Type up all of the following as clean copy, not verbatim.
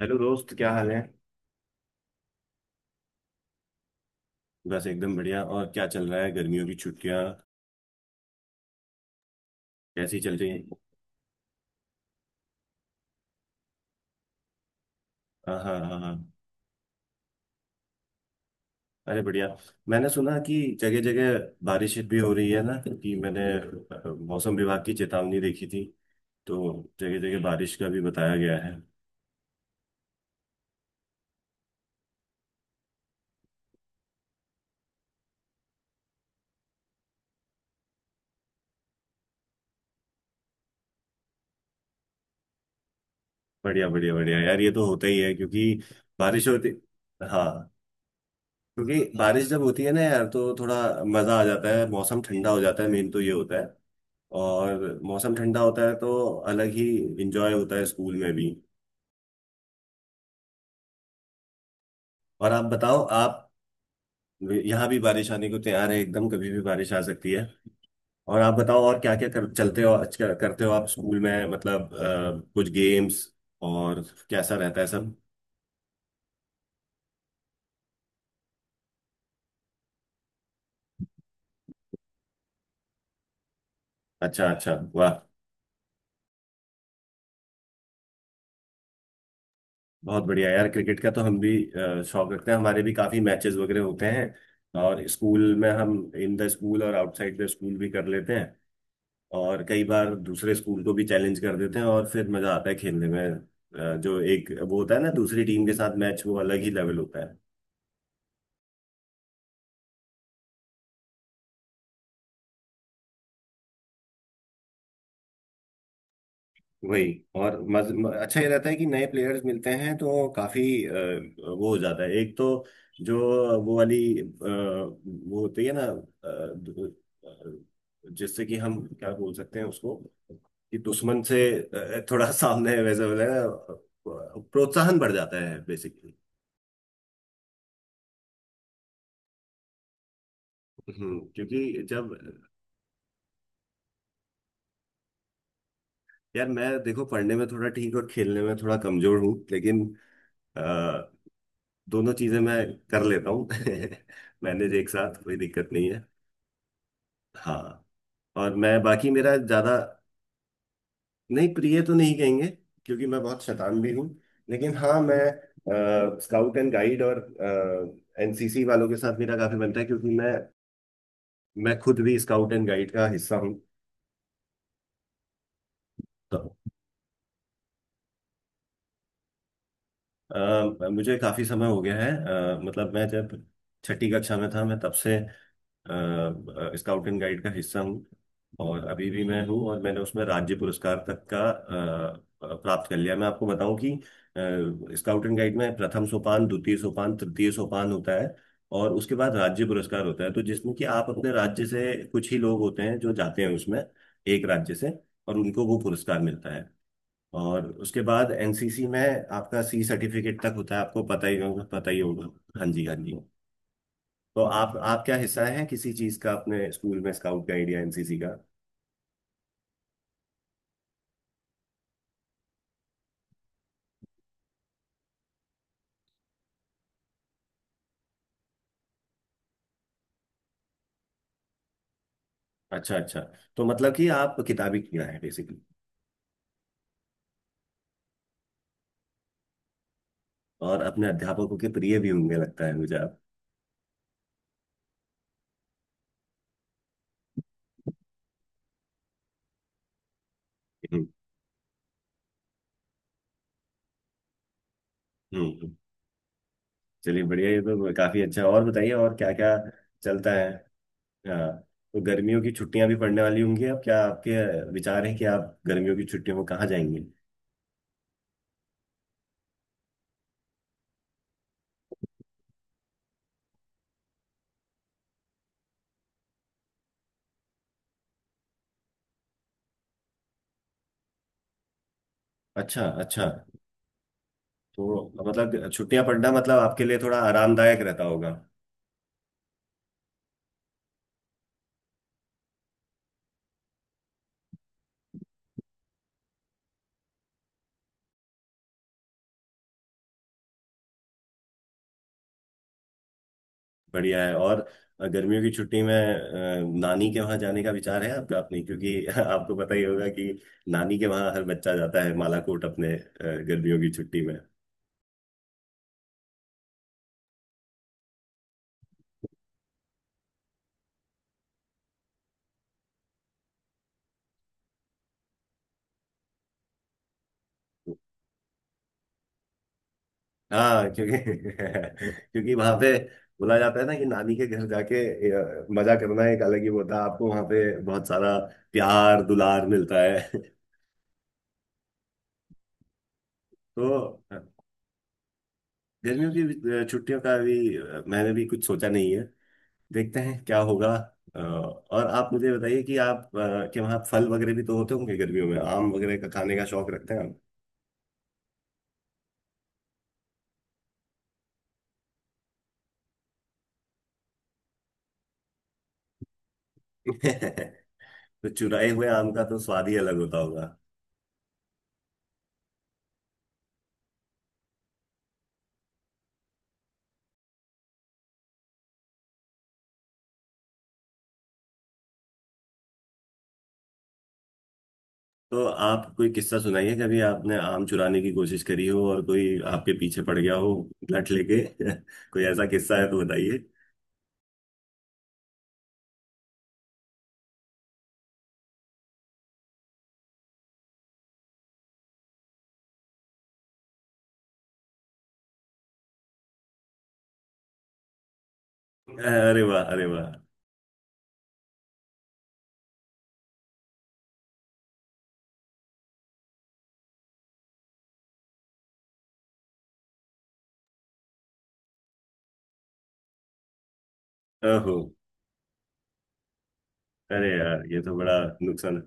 Hello दोस्त, क्या हाल है। बस एकदम बढ़िया। और क्या चल रहा है, गर्मियों की छुट्टियां कैसी चल रही हैं। हाँ, हाँ, हाँ, हाँ, अरे बढ़िया। मैंने सुना कि जगह जगह बारिश भी हो रही है ना, कि मैंने मौसम विभाग की चेतावनी देखी थी, तो जगह जगह बारिश का भी बताया गया है। बढ़िया, बढ़िया, बढ़िया यार, ये तो होता ही है क्योंकि बारिश होती। हाँ, क्योंकि बारिश जब होती है ना यार, तो थोड़ा मजा आ जाता है, मौसम ठंडा हो जाता है, मेन तो ये होता है। और मौसम ठंडा होता है तो अलग ही इंजॉय होता है स्कूल में भी। और आप बताओ, आप, यहाँ भी बारिश आने को तैयार है एकदम, कभी भी बारिश आ सकती है। और आप बताओ, और क्या क्या चलते हो, आज क्या करते हो आप स्कूल में, मतलब कुछ गेम्स, और कैसा रहता है सब। अच्छा, अच्छा, वाह। बहुत बढ़िया यार, क्रिकेट का तो हम भी शौक रखते हैं, हमारे भी काफी मैचेस वगैरह होते हैं। और स्कूल में हम इन द स्कूल और आउटसाइड द स्कूल भी कर लेते हैं। और कई बार दूसरे स्कूल को भी चैलेंज कर देते हैं और फिर मजा आता है खेलने में। जो एक वो होता है ना, दूसरी टीम के साथ मैच, वो अलग ही लेवल होता है। वही। और अच्छा ये रहता है कि नए प्लेयर्स मिलते हैं, तो काफी वो हो जाता है एक तो, जो वो वाली वो होती है ना, जिससे कि हम क्या बोल सकते हैं उसको, कि दुश्मन से थोड़ा सामने वैसे बोले ना, प्रोत्साहन बढ़ जाता है बेसिकली। हम्म, क्योंकि जब, यार मैं देखो पढ़ने में थोड़ा ठीक और खेलने में थोड़ा कमजोर हूँ, लेकिन अ, दोनों चीजें मैं कर लेता हूँ मैनेज, एक साथ, कोई दिक्कत नहीं है। हाँ। और मैं बाकी मेरा ज्यादा, नहीं प्रिय तो नहीं कहेंगे, क्योंकि मैं बहुत शैतान भी हूँ। लेकिन हाँ, मैं स्काउट एंड गाइड और एनसीसी वालों के साथ मेरा काफी बनता है, क्योंकि मैं खुद भी स्काउट एंड गाइड का हिस्सा हूँ। तो मुझे काफी समय हो गया है। मतलब मैं जब छठी कक्षा में था, मैं तब से स्काउट एंड गाइड का हिस्सा हूँ और अभी भी मैं हूँ। और मैंने उसमें राज्य पुरस्कार तक का प्राप्त कर लिया। मैं आपको बताऊं कि स्काउट एंड गाइड में प्रथम सोपान, द्वितीय सोपान, तृतीय सोपान होता है, और उसके बाद राज्य पुरस्कार होता है, तो जिसमें कि आप अपने राज्य से कुछ ही लोग होते हैं जो जाते हैं उसमें, एक राज्य से, और उनको वो पुरस्कार मिलता है। और उसके बाद एनसीसी में आपका सी सर्टिफिकेट तक होता है, आपको पता ही होगा, पता ही होगा। हाँ जी, हाँ जी। तो आप क्या हिस्सा है किसी चीज का अपने स्कूल में, स्काउट गाइड या एनसीसी का। अच्छा, अच्छा। तो मतलब कि आप किताबी कीड़ा है बेसिकली, और अपने अध्यापकों के प्रिय भी होंगे, लगता है मुझे आप। हम्म। हम्म, हम्म। चलिए बढ़िया, ये तो काफी अच्छा। और बताइए और क्या क्या चलता है। हाँ। तो गर्मियों की छुट्टियां भी पड़ने वाली होंगी अब, क्या आपके विचार है कि आप गर्मियों की छुट्टियों में कहाँ जाएंगे। अच्छा, अच्छा। तो मतलब छुट्टियां पड़ना मतलब आपके लिए थोड़ा आरामदायक रहता होगा। बढ़िया है। और गर्मियों की छुट्टी में नानी के वहां जाने का विचार है आपका अपने, क्योंकि आपको पता ही होगा कि नानी के वहां हर बच्चा जाता है, बालाकोट अपने गर्मियों की छुट्टी में। हाँ, क्योंकि क्योंकि वहां पे बोला जाता है ना कि नानी के घर जाके मजा करना, एक अलग ही वो होता है। आपको वहां पे बहुत सारा प्यार दुलार मिलता है तो गर्मियों की छुट्टियों का भी मैंने भी कुछ सोचा नहीं, देखते हैं क्या होगा। और आप मुझे बताइए कि आप के वहाँ फल वगैरह भी तो होते होंगे गर्मियों में, आम वगैरह का खाने का शौक रखते हैं आप। तो चुराए हुए आम का तो स्वाद ही अलग होता होगा। तो आप कोई किस्सा सुनाइए, कभी आपने आम चुराने की कोशिश करी हो और कोई आपके पीछे पड़ गया हो, लट लेके कोई ऐसा किस्सा है तो बताइए। अरे वाह, अरे वाह। ओहो। अरे यार, ये तो बड़ा नुकसान।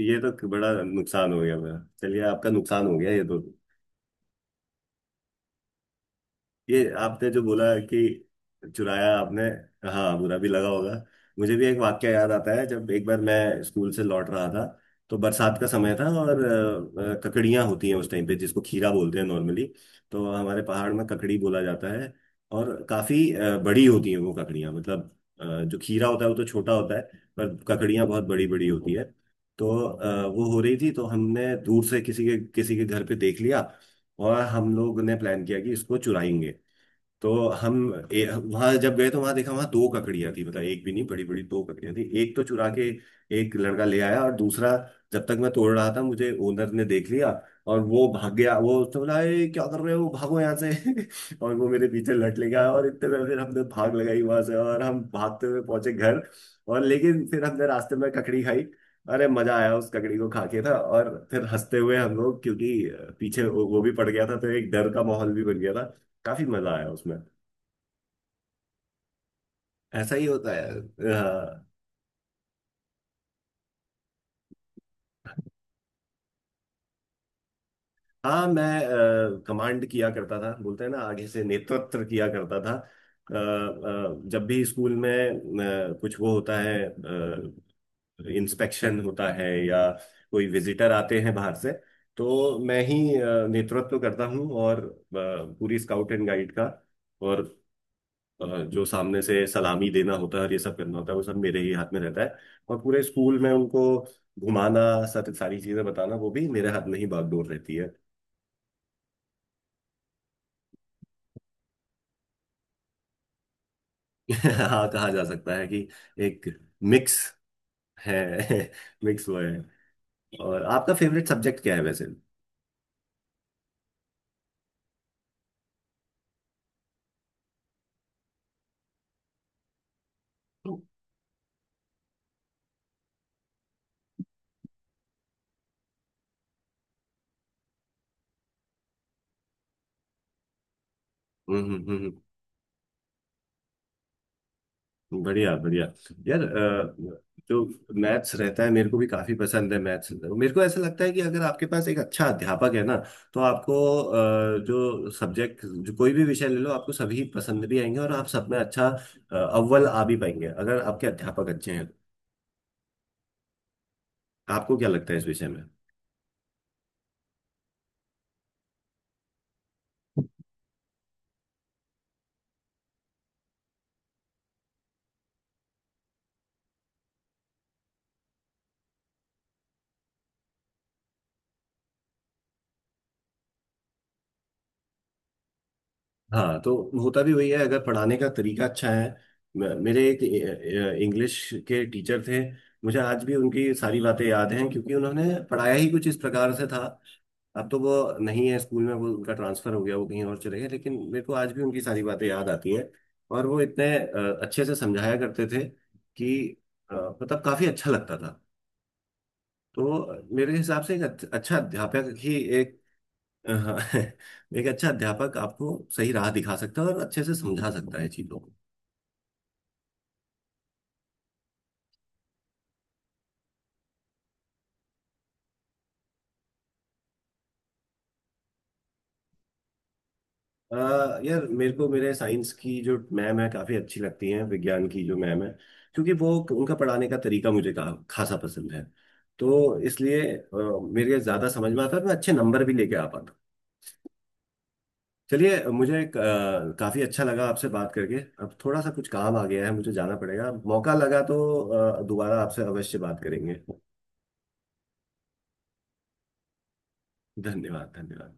ये तो बड़ा नुकसान हो गया मेरा, चलिए आपका नुकसान हो गया ये तो। ये आपने जो बोला कि चुराया आपने, हाँ बुरा भी लगा होगा। मुझे भी एक वाक्य याद आता है, जब एक बार मैं स्कूल से लौट रहा था, तो बरसात का समय था। और ककड़ियाँ होती हैं उस टाइम पे, जिसको खीरा बोलते हैं नॉर्मली, तो हमारे पहाड़ में ककड़ी बोला जाता है। और काफी बड़ी होती हैं वो ककड़ियाँ, मतलब जो खीरा होता है वो तो छोटा होता है, पर ककड़ियाँ बहुत बड़ी बड़ी होती है। तो वो हो रही थी, तो हमने दूर से किसी के घर पे देख लिया, और हम लोग ने प्लान किया कि इसको चुराएंगे। तो हम, वहां जब गए तो वहां देखा वहां दो ककड़ियां थी, मतलब एक भी नहीं, बड़ी बड़ी दो ककड़ियां थी। एक तो चुरा के एक लड़का ले आया, और दूसरा, जब तक मैं तोड़ रहा था, मुझे ओनर ने देख लिया, और वो भाग गया। वो तो बोला, "ए, क्या कर रहे हो, भागो यहाँ से।" और वो मेरे पीछे लट ले गया, और इतने में फिर हमने भाग लगाई वहां से, और हम भागते हुए पहुंचे घर। और लेकिन फिर हमने रास्ते में ककड़ी खाई, अरे मजा आया उस ककड़ी को खा के था। और फिर हंसते हुए हम लोग, क्योंकि पीछे वो भी पड़ गया था, तो एक डर का माहौल भी बन गया था, काफी मजा आया उसमें। ऐसा ही होता है। अ, हाँ, मैं कमांड किया करता था, बोलते हैं ना आगे से नेतृत्व किया करता था। जब भी स्कूल में कुछ वो होता है, इंस्पेक्शन होता है या कोई विजिटर आते हैं बाहर से, तो मैं ही नेतृत्व करता हूँ, और पूरी स्काउट एंड गाइड का। और अ, जो सामने से सलामी देना होता है और ये सब करना होता है, वो सब मेरे ही हाथ में रहता है। और पूरे स्कूल में उनको घुमाना, सारी सारी चीजें बताना, वो भी मेरे हाथ में ही बागडोर रहती है। हाँ, कहा जा सकता है कि एक मिक्स है। मिक्स वो है। और आपका फेवरेट सब्जेक्ट क्या है वैसे। हम्म। हम्म हम्म हम्म। बढ़िया, बढ़िया। यार जो मैथ्स रहता है मेरे को भी काफी पसंद है मैथ्स। मेरे को ऐसा लगता है कि अगर आपके पास एक अच्छा अध्यापक है ना, तो आपको जो सब्जेक्ट, जो कोई भी विषय ले लो, आपको सभी पसंद भी आएंगे और आप सब में अच्छा अव्वल आ भी पाएंगे, अगर आपके अध्यापक अच्छे हैं। आपको क्या लगता है इस विषय में। हाँ, तो होता भी वही है, अगर पढ़ाने का तरीका अच्छा है। मेरे एक इंग्लिश के टीचर थे, मुझे आज भी उनकी सारी बातें याद हैं, क्योंकि उन्होंने पढ़ाया ही कुछ इस प्रकार से था। अब तो वो नहीं है स्कूल में, वो, उनका ट्रांसफर हो गया, वो कहीं और चले गए, लेकिन मेरे को आज भी उनकी सारी बातें याद आती हैं। और वो इतने अच्छे से समझाया करते थे कि मतलब काफी अच्छा लगता था। तो मेरे हिसाब से एक अच्छा अध्यापक ही एक, एक अच्छा अध्यापक आपको सही राह दिखा सकता है और अच्छे से समझा सकता है चीजों को। अ, यार मेरे को, मेरे साइंस की जो मैम है काफी अच्छी लगती हैं, विज्ञान की जो मैम है, क्योंकि वो, उनका पढ़ाने का तरीका मुझे खासा पसंद है, तो इसलिए मेरे ज्यादा समझ में आता है और मैं अच्छे नंबर भी लेके आ पाता हूँ। चलिए मुझे काफी अच्छा लगा आपसे बात करके, अब थोड़ा सा कुछ काम आ गया है, मुझे जाना पड़ेगा। मौका लगा तो दोबारा आपसे अवश्य बात करेंगे। धन्यवाद, धन्यवाद।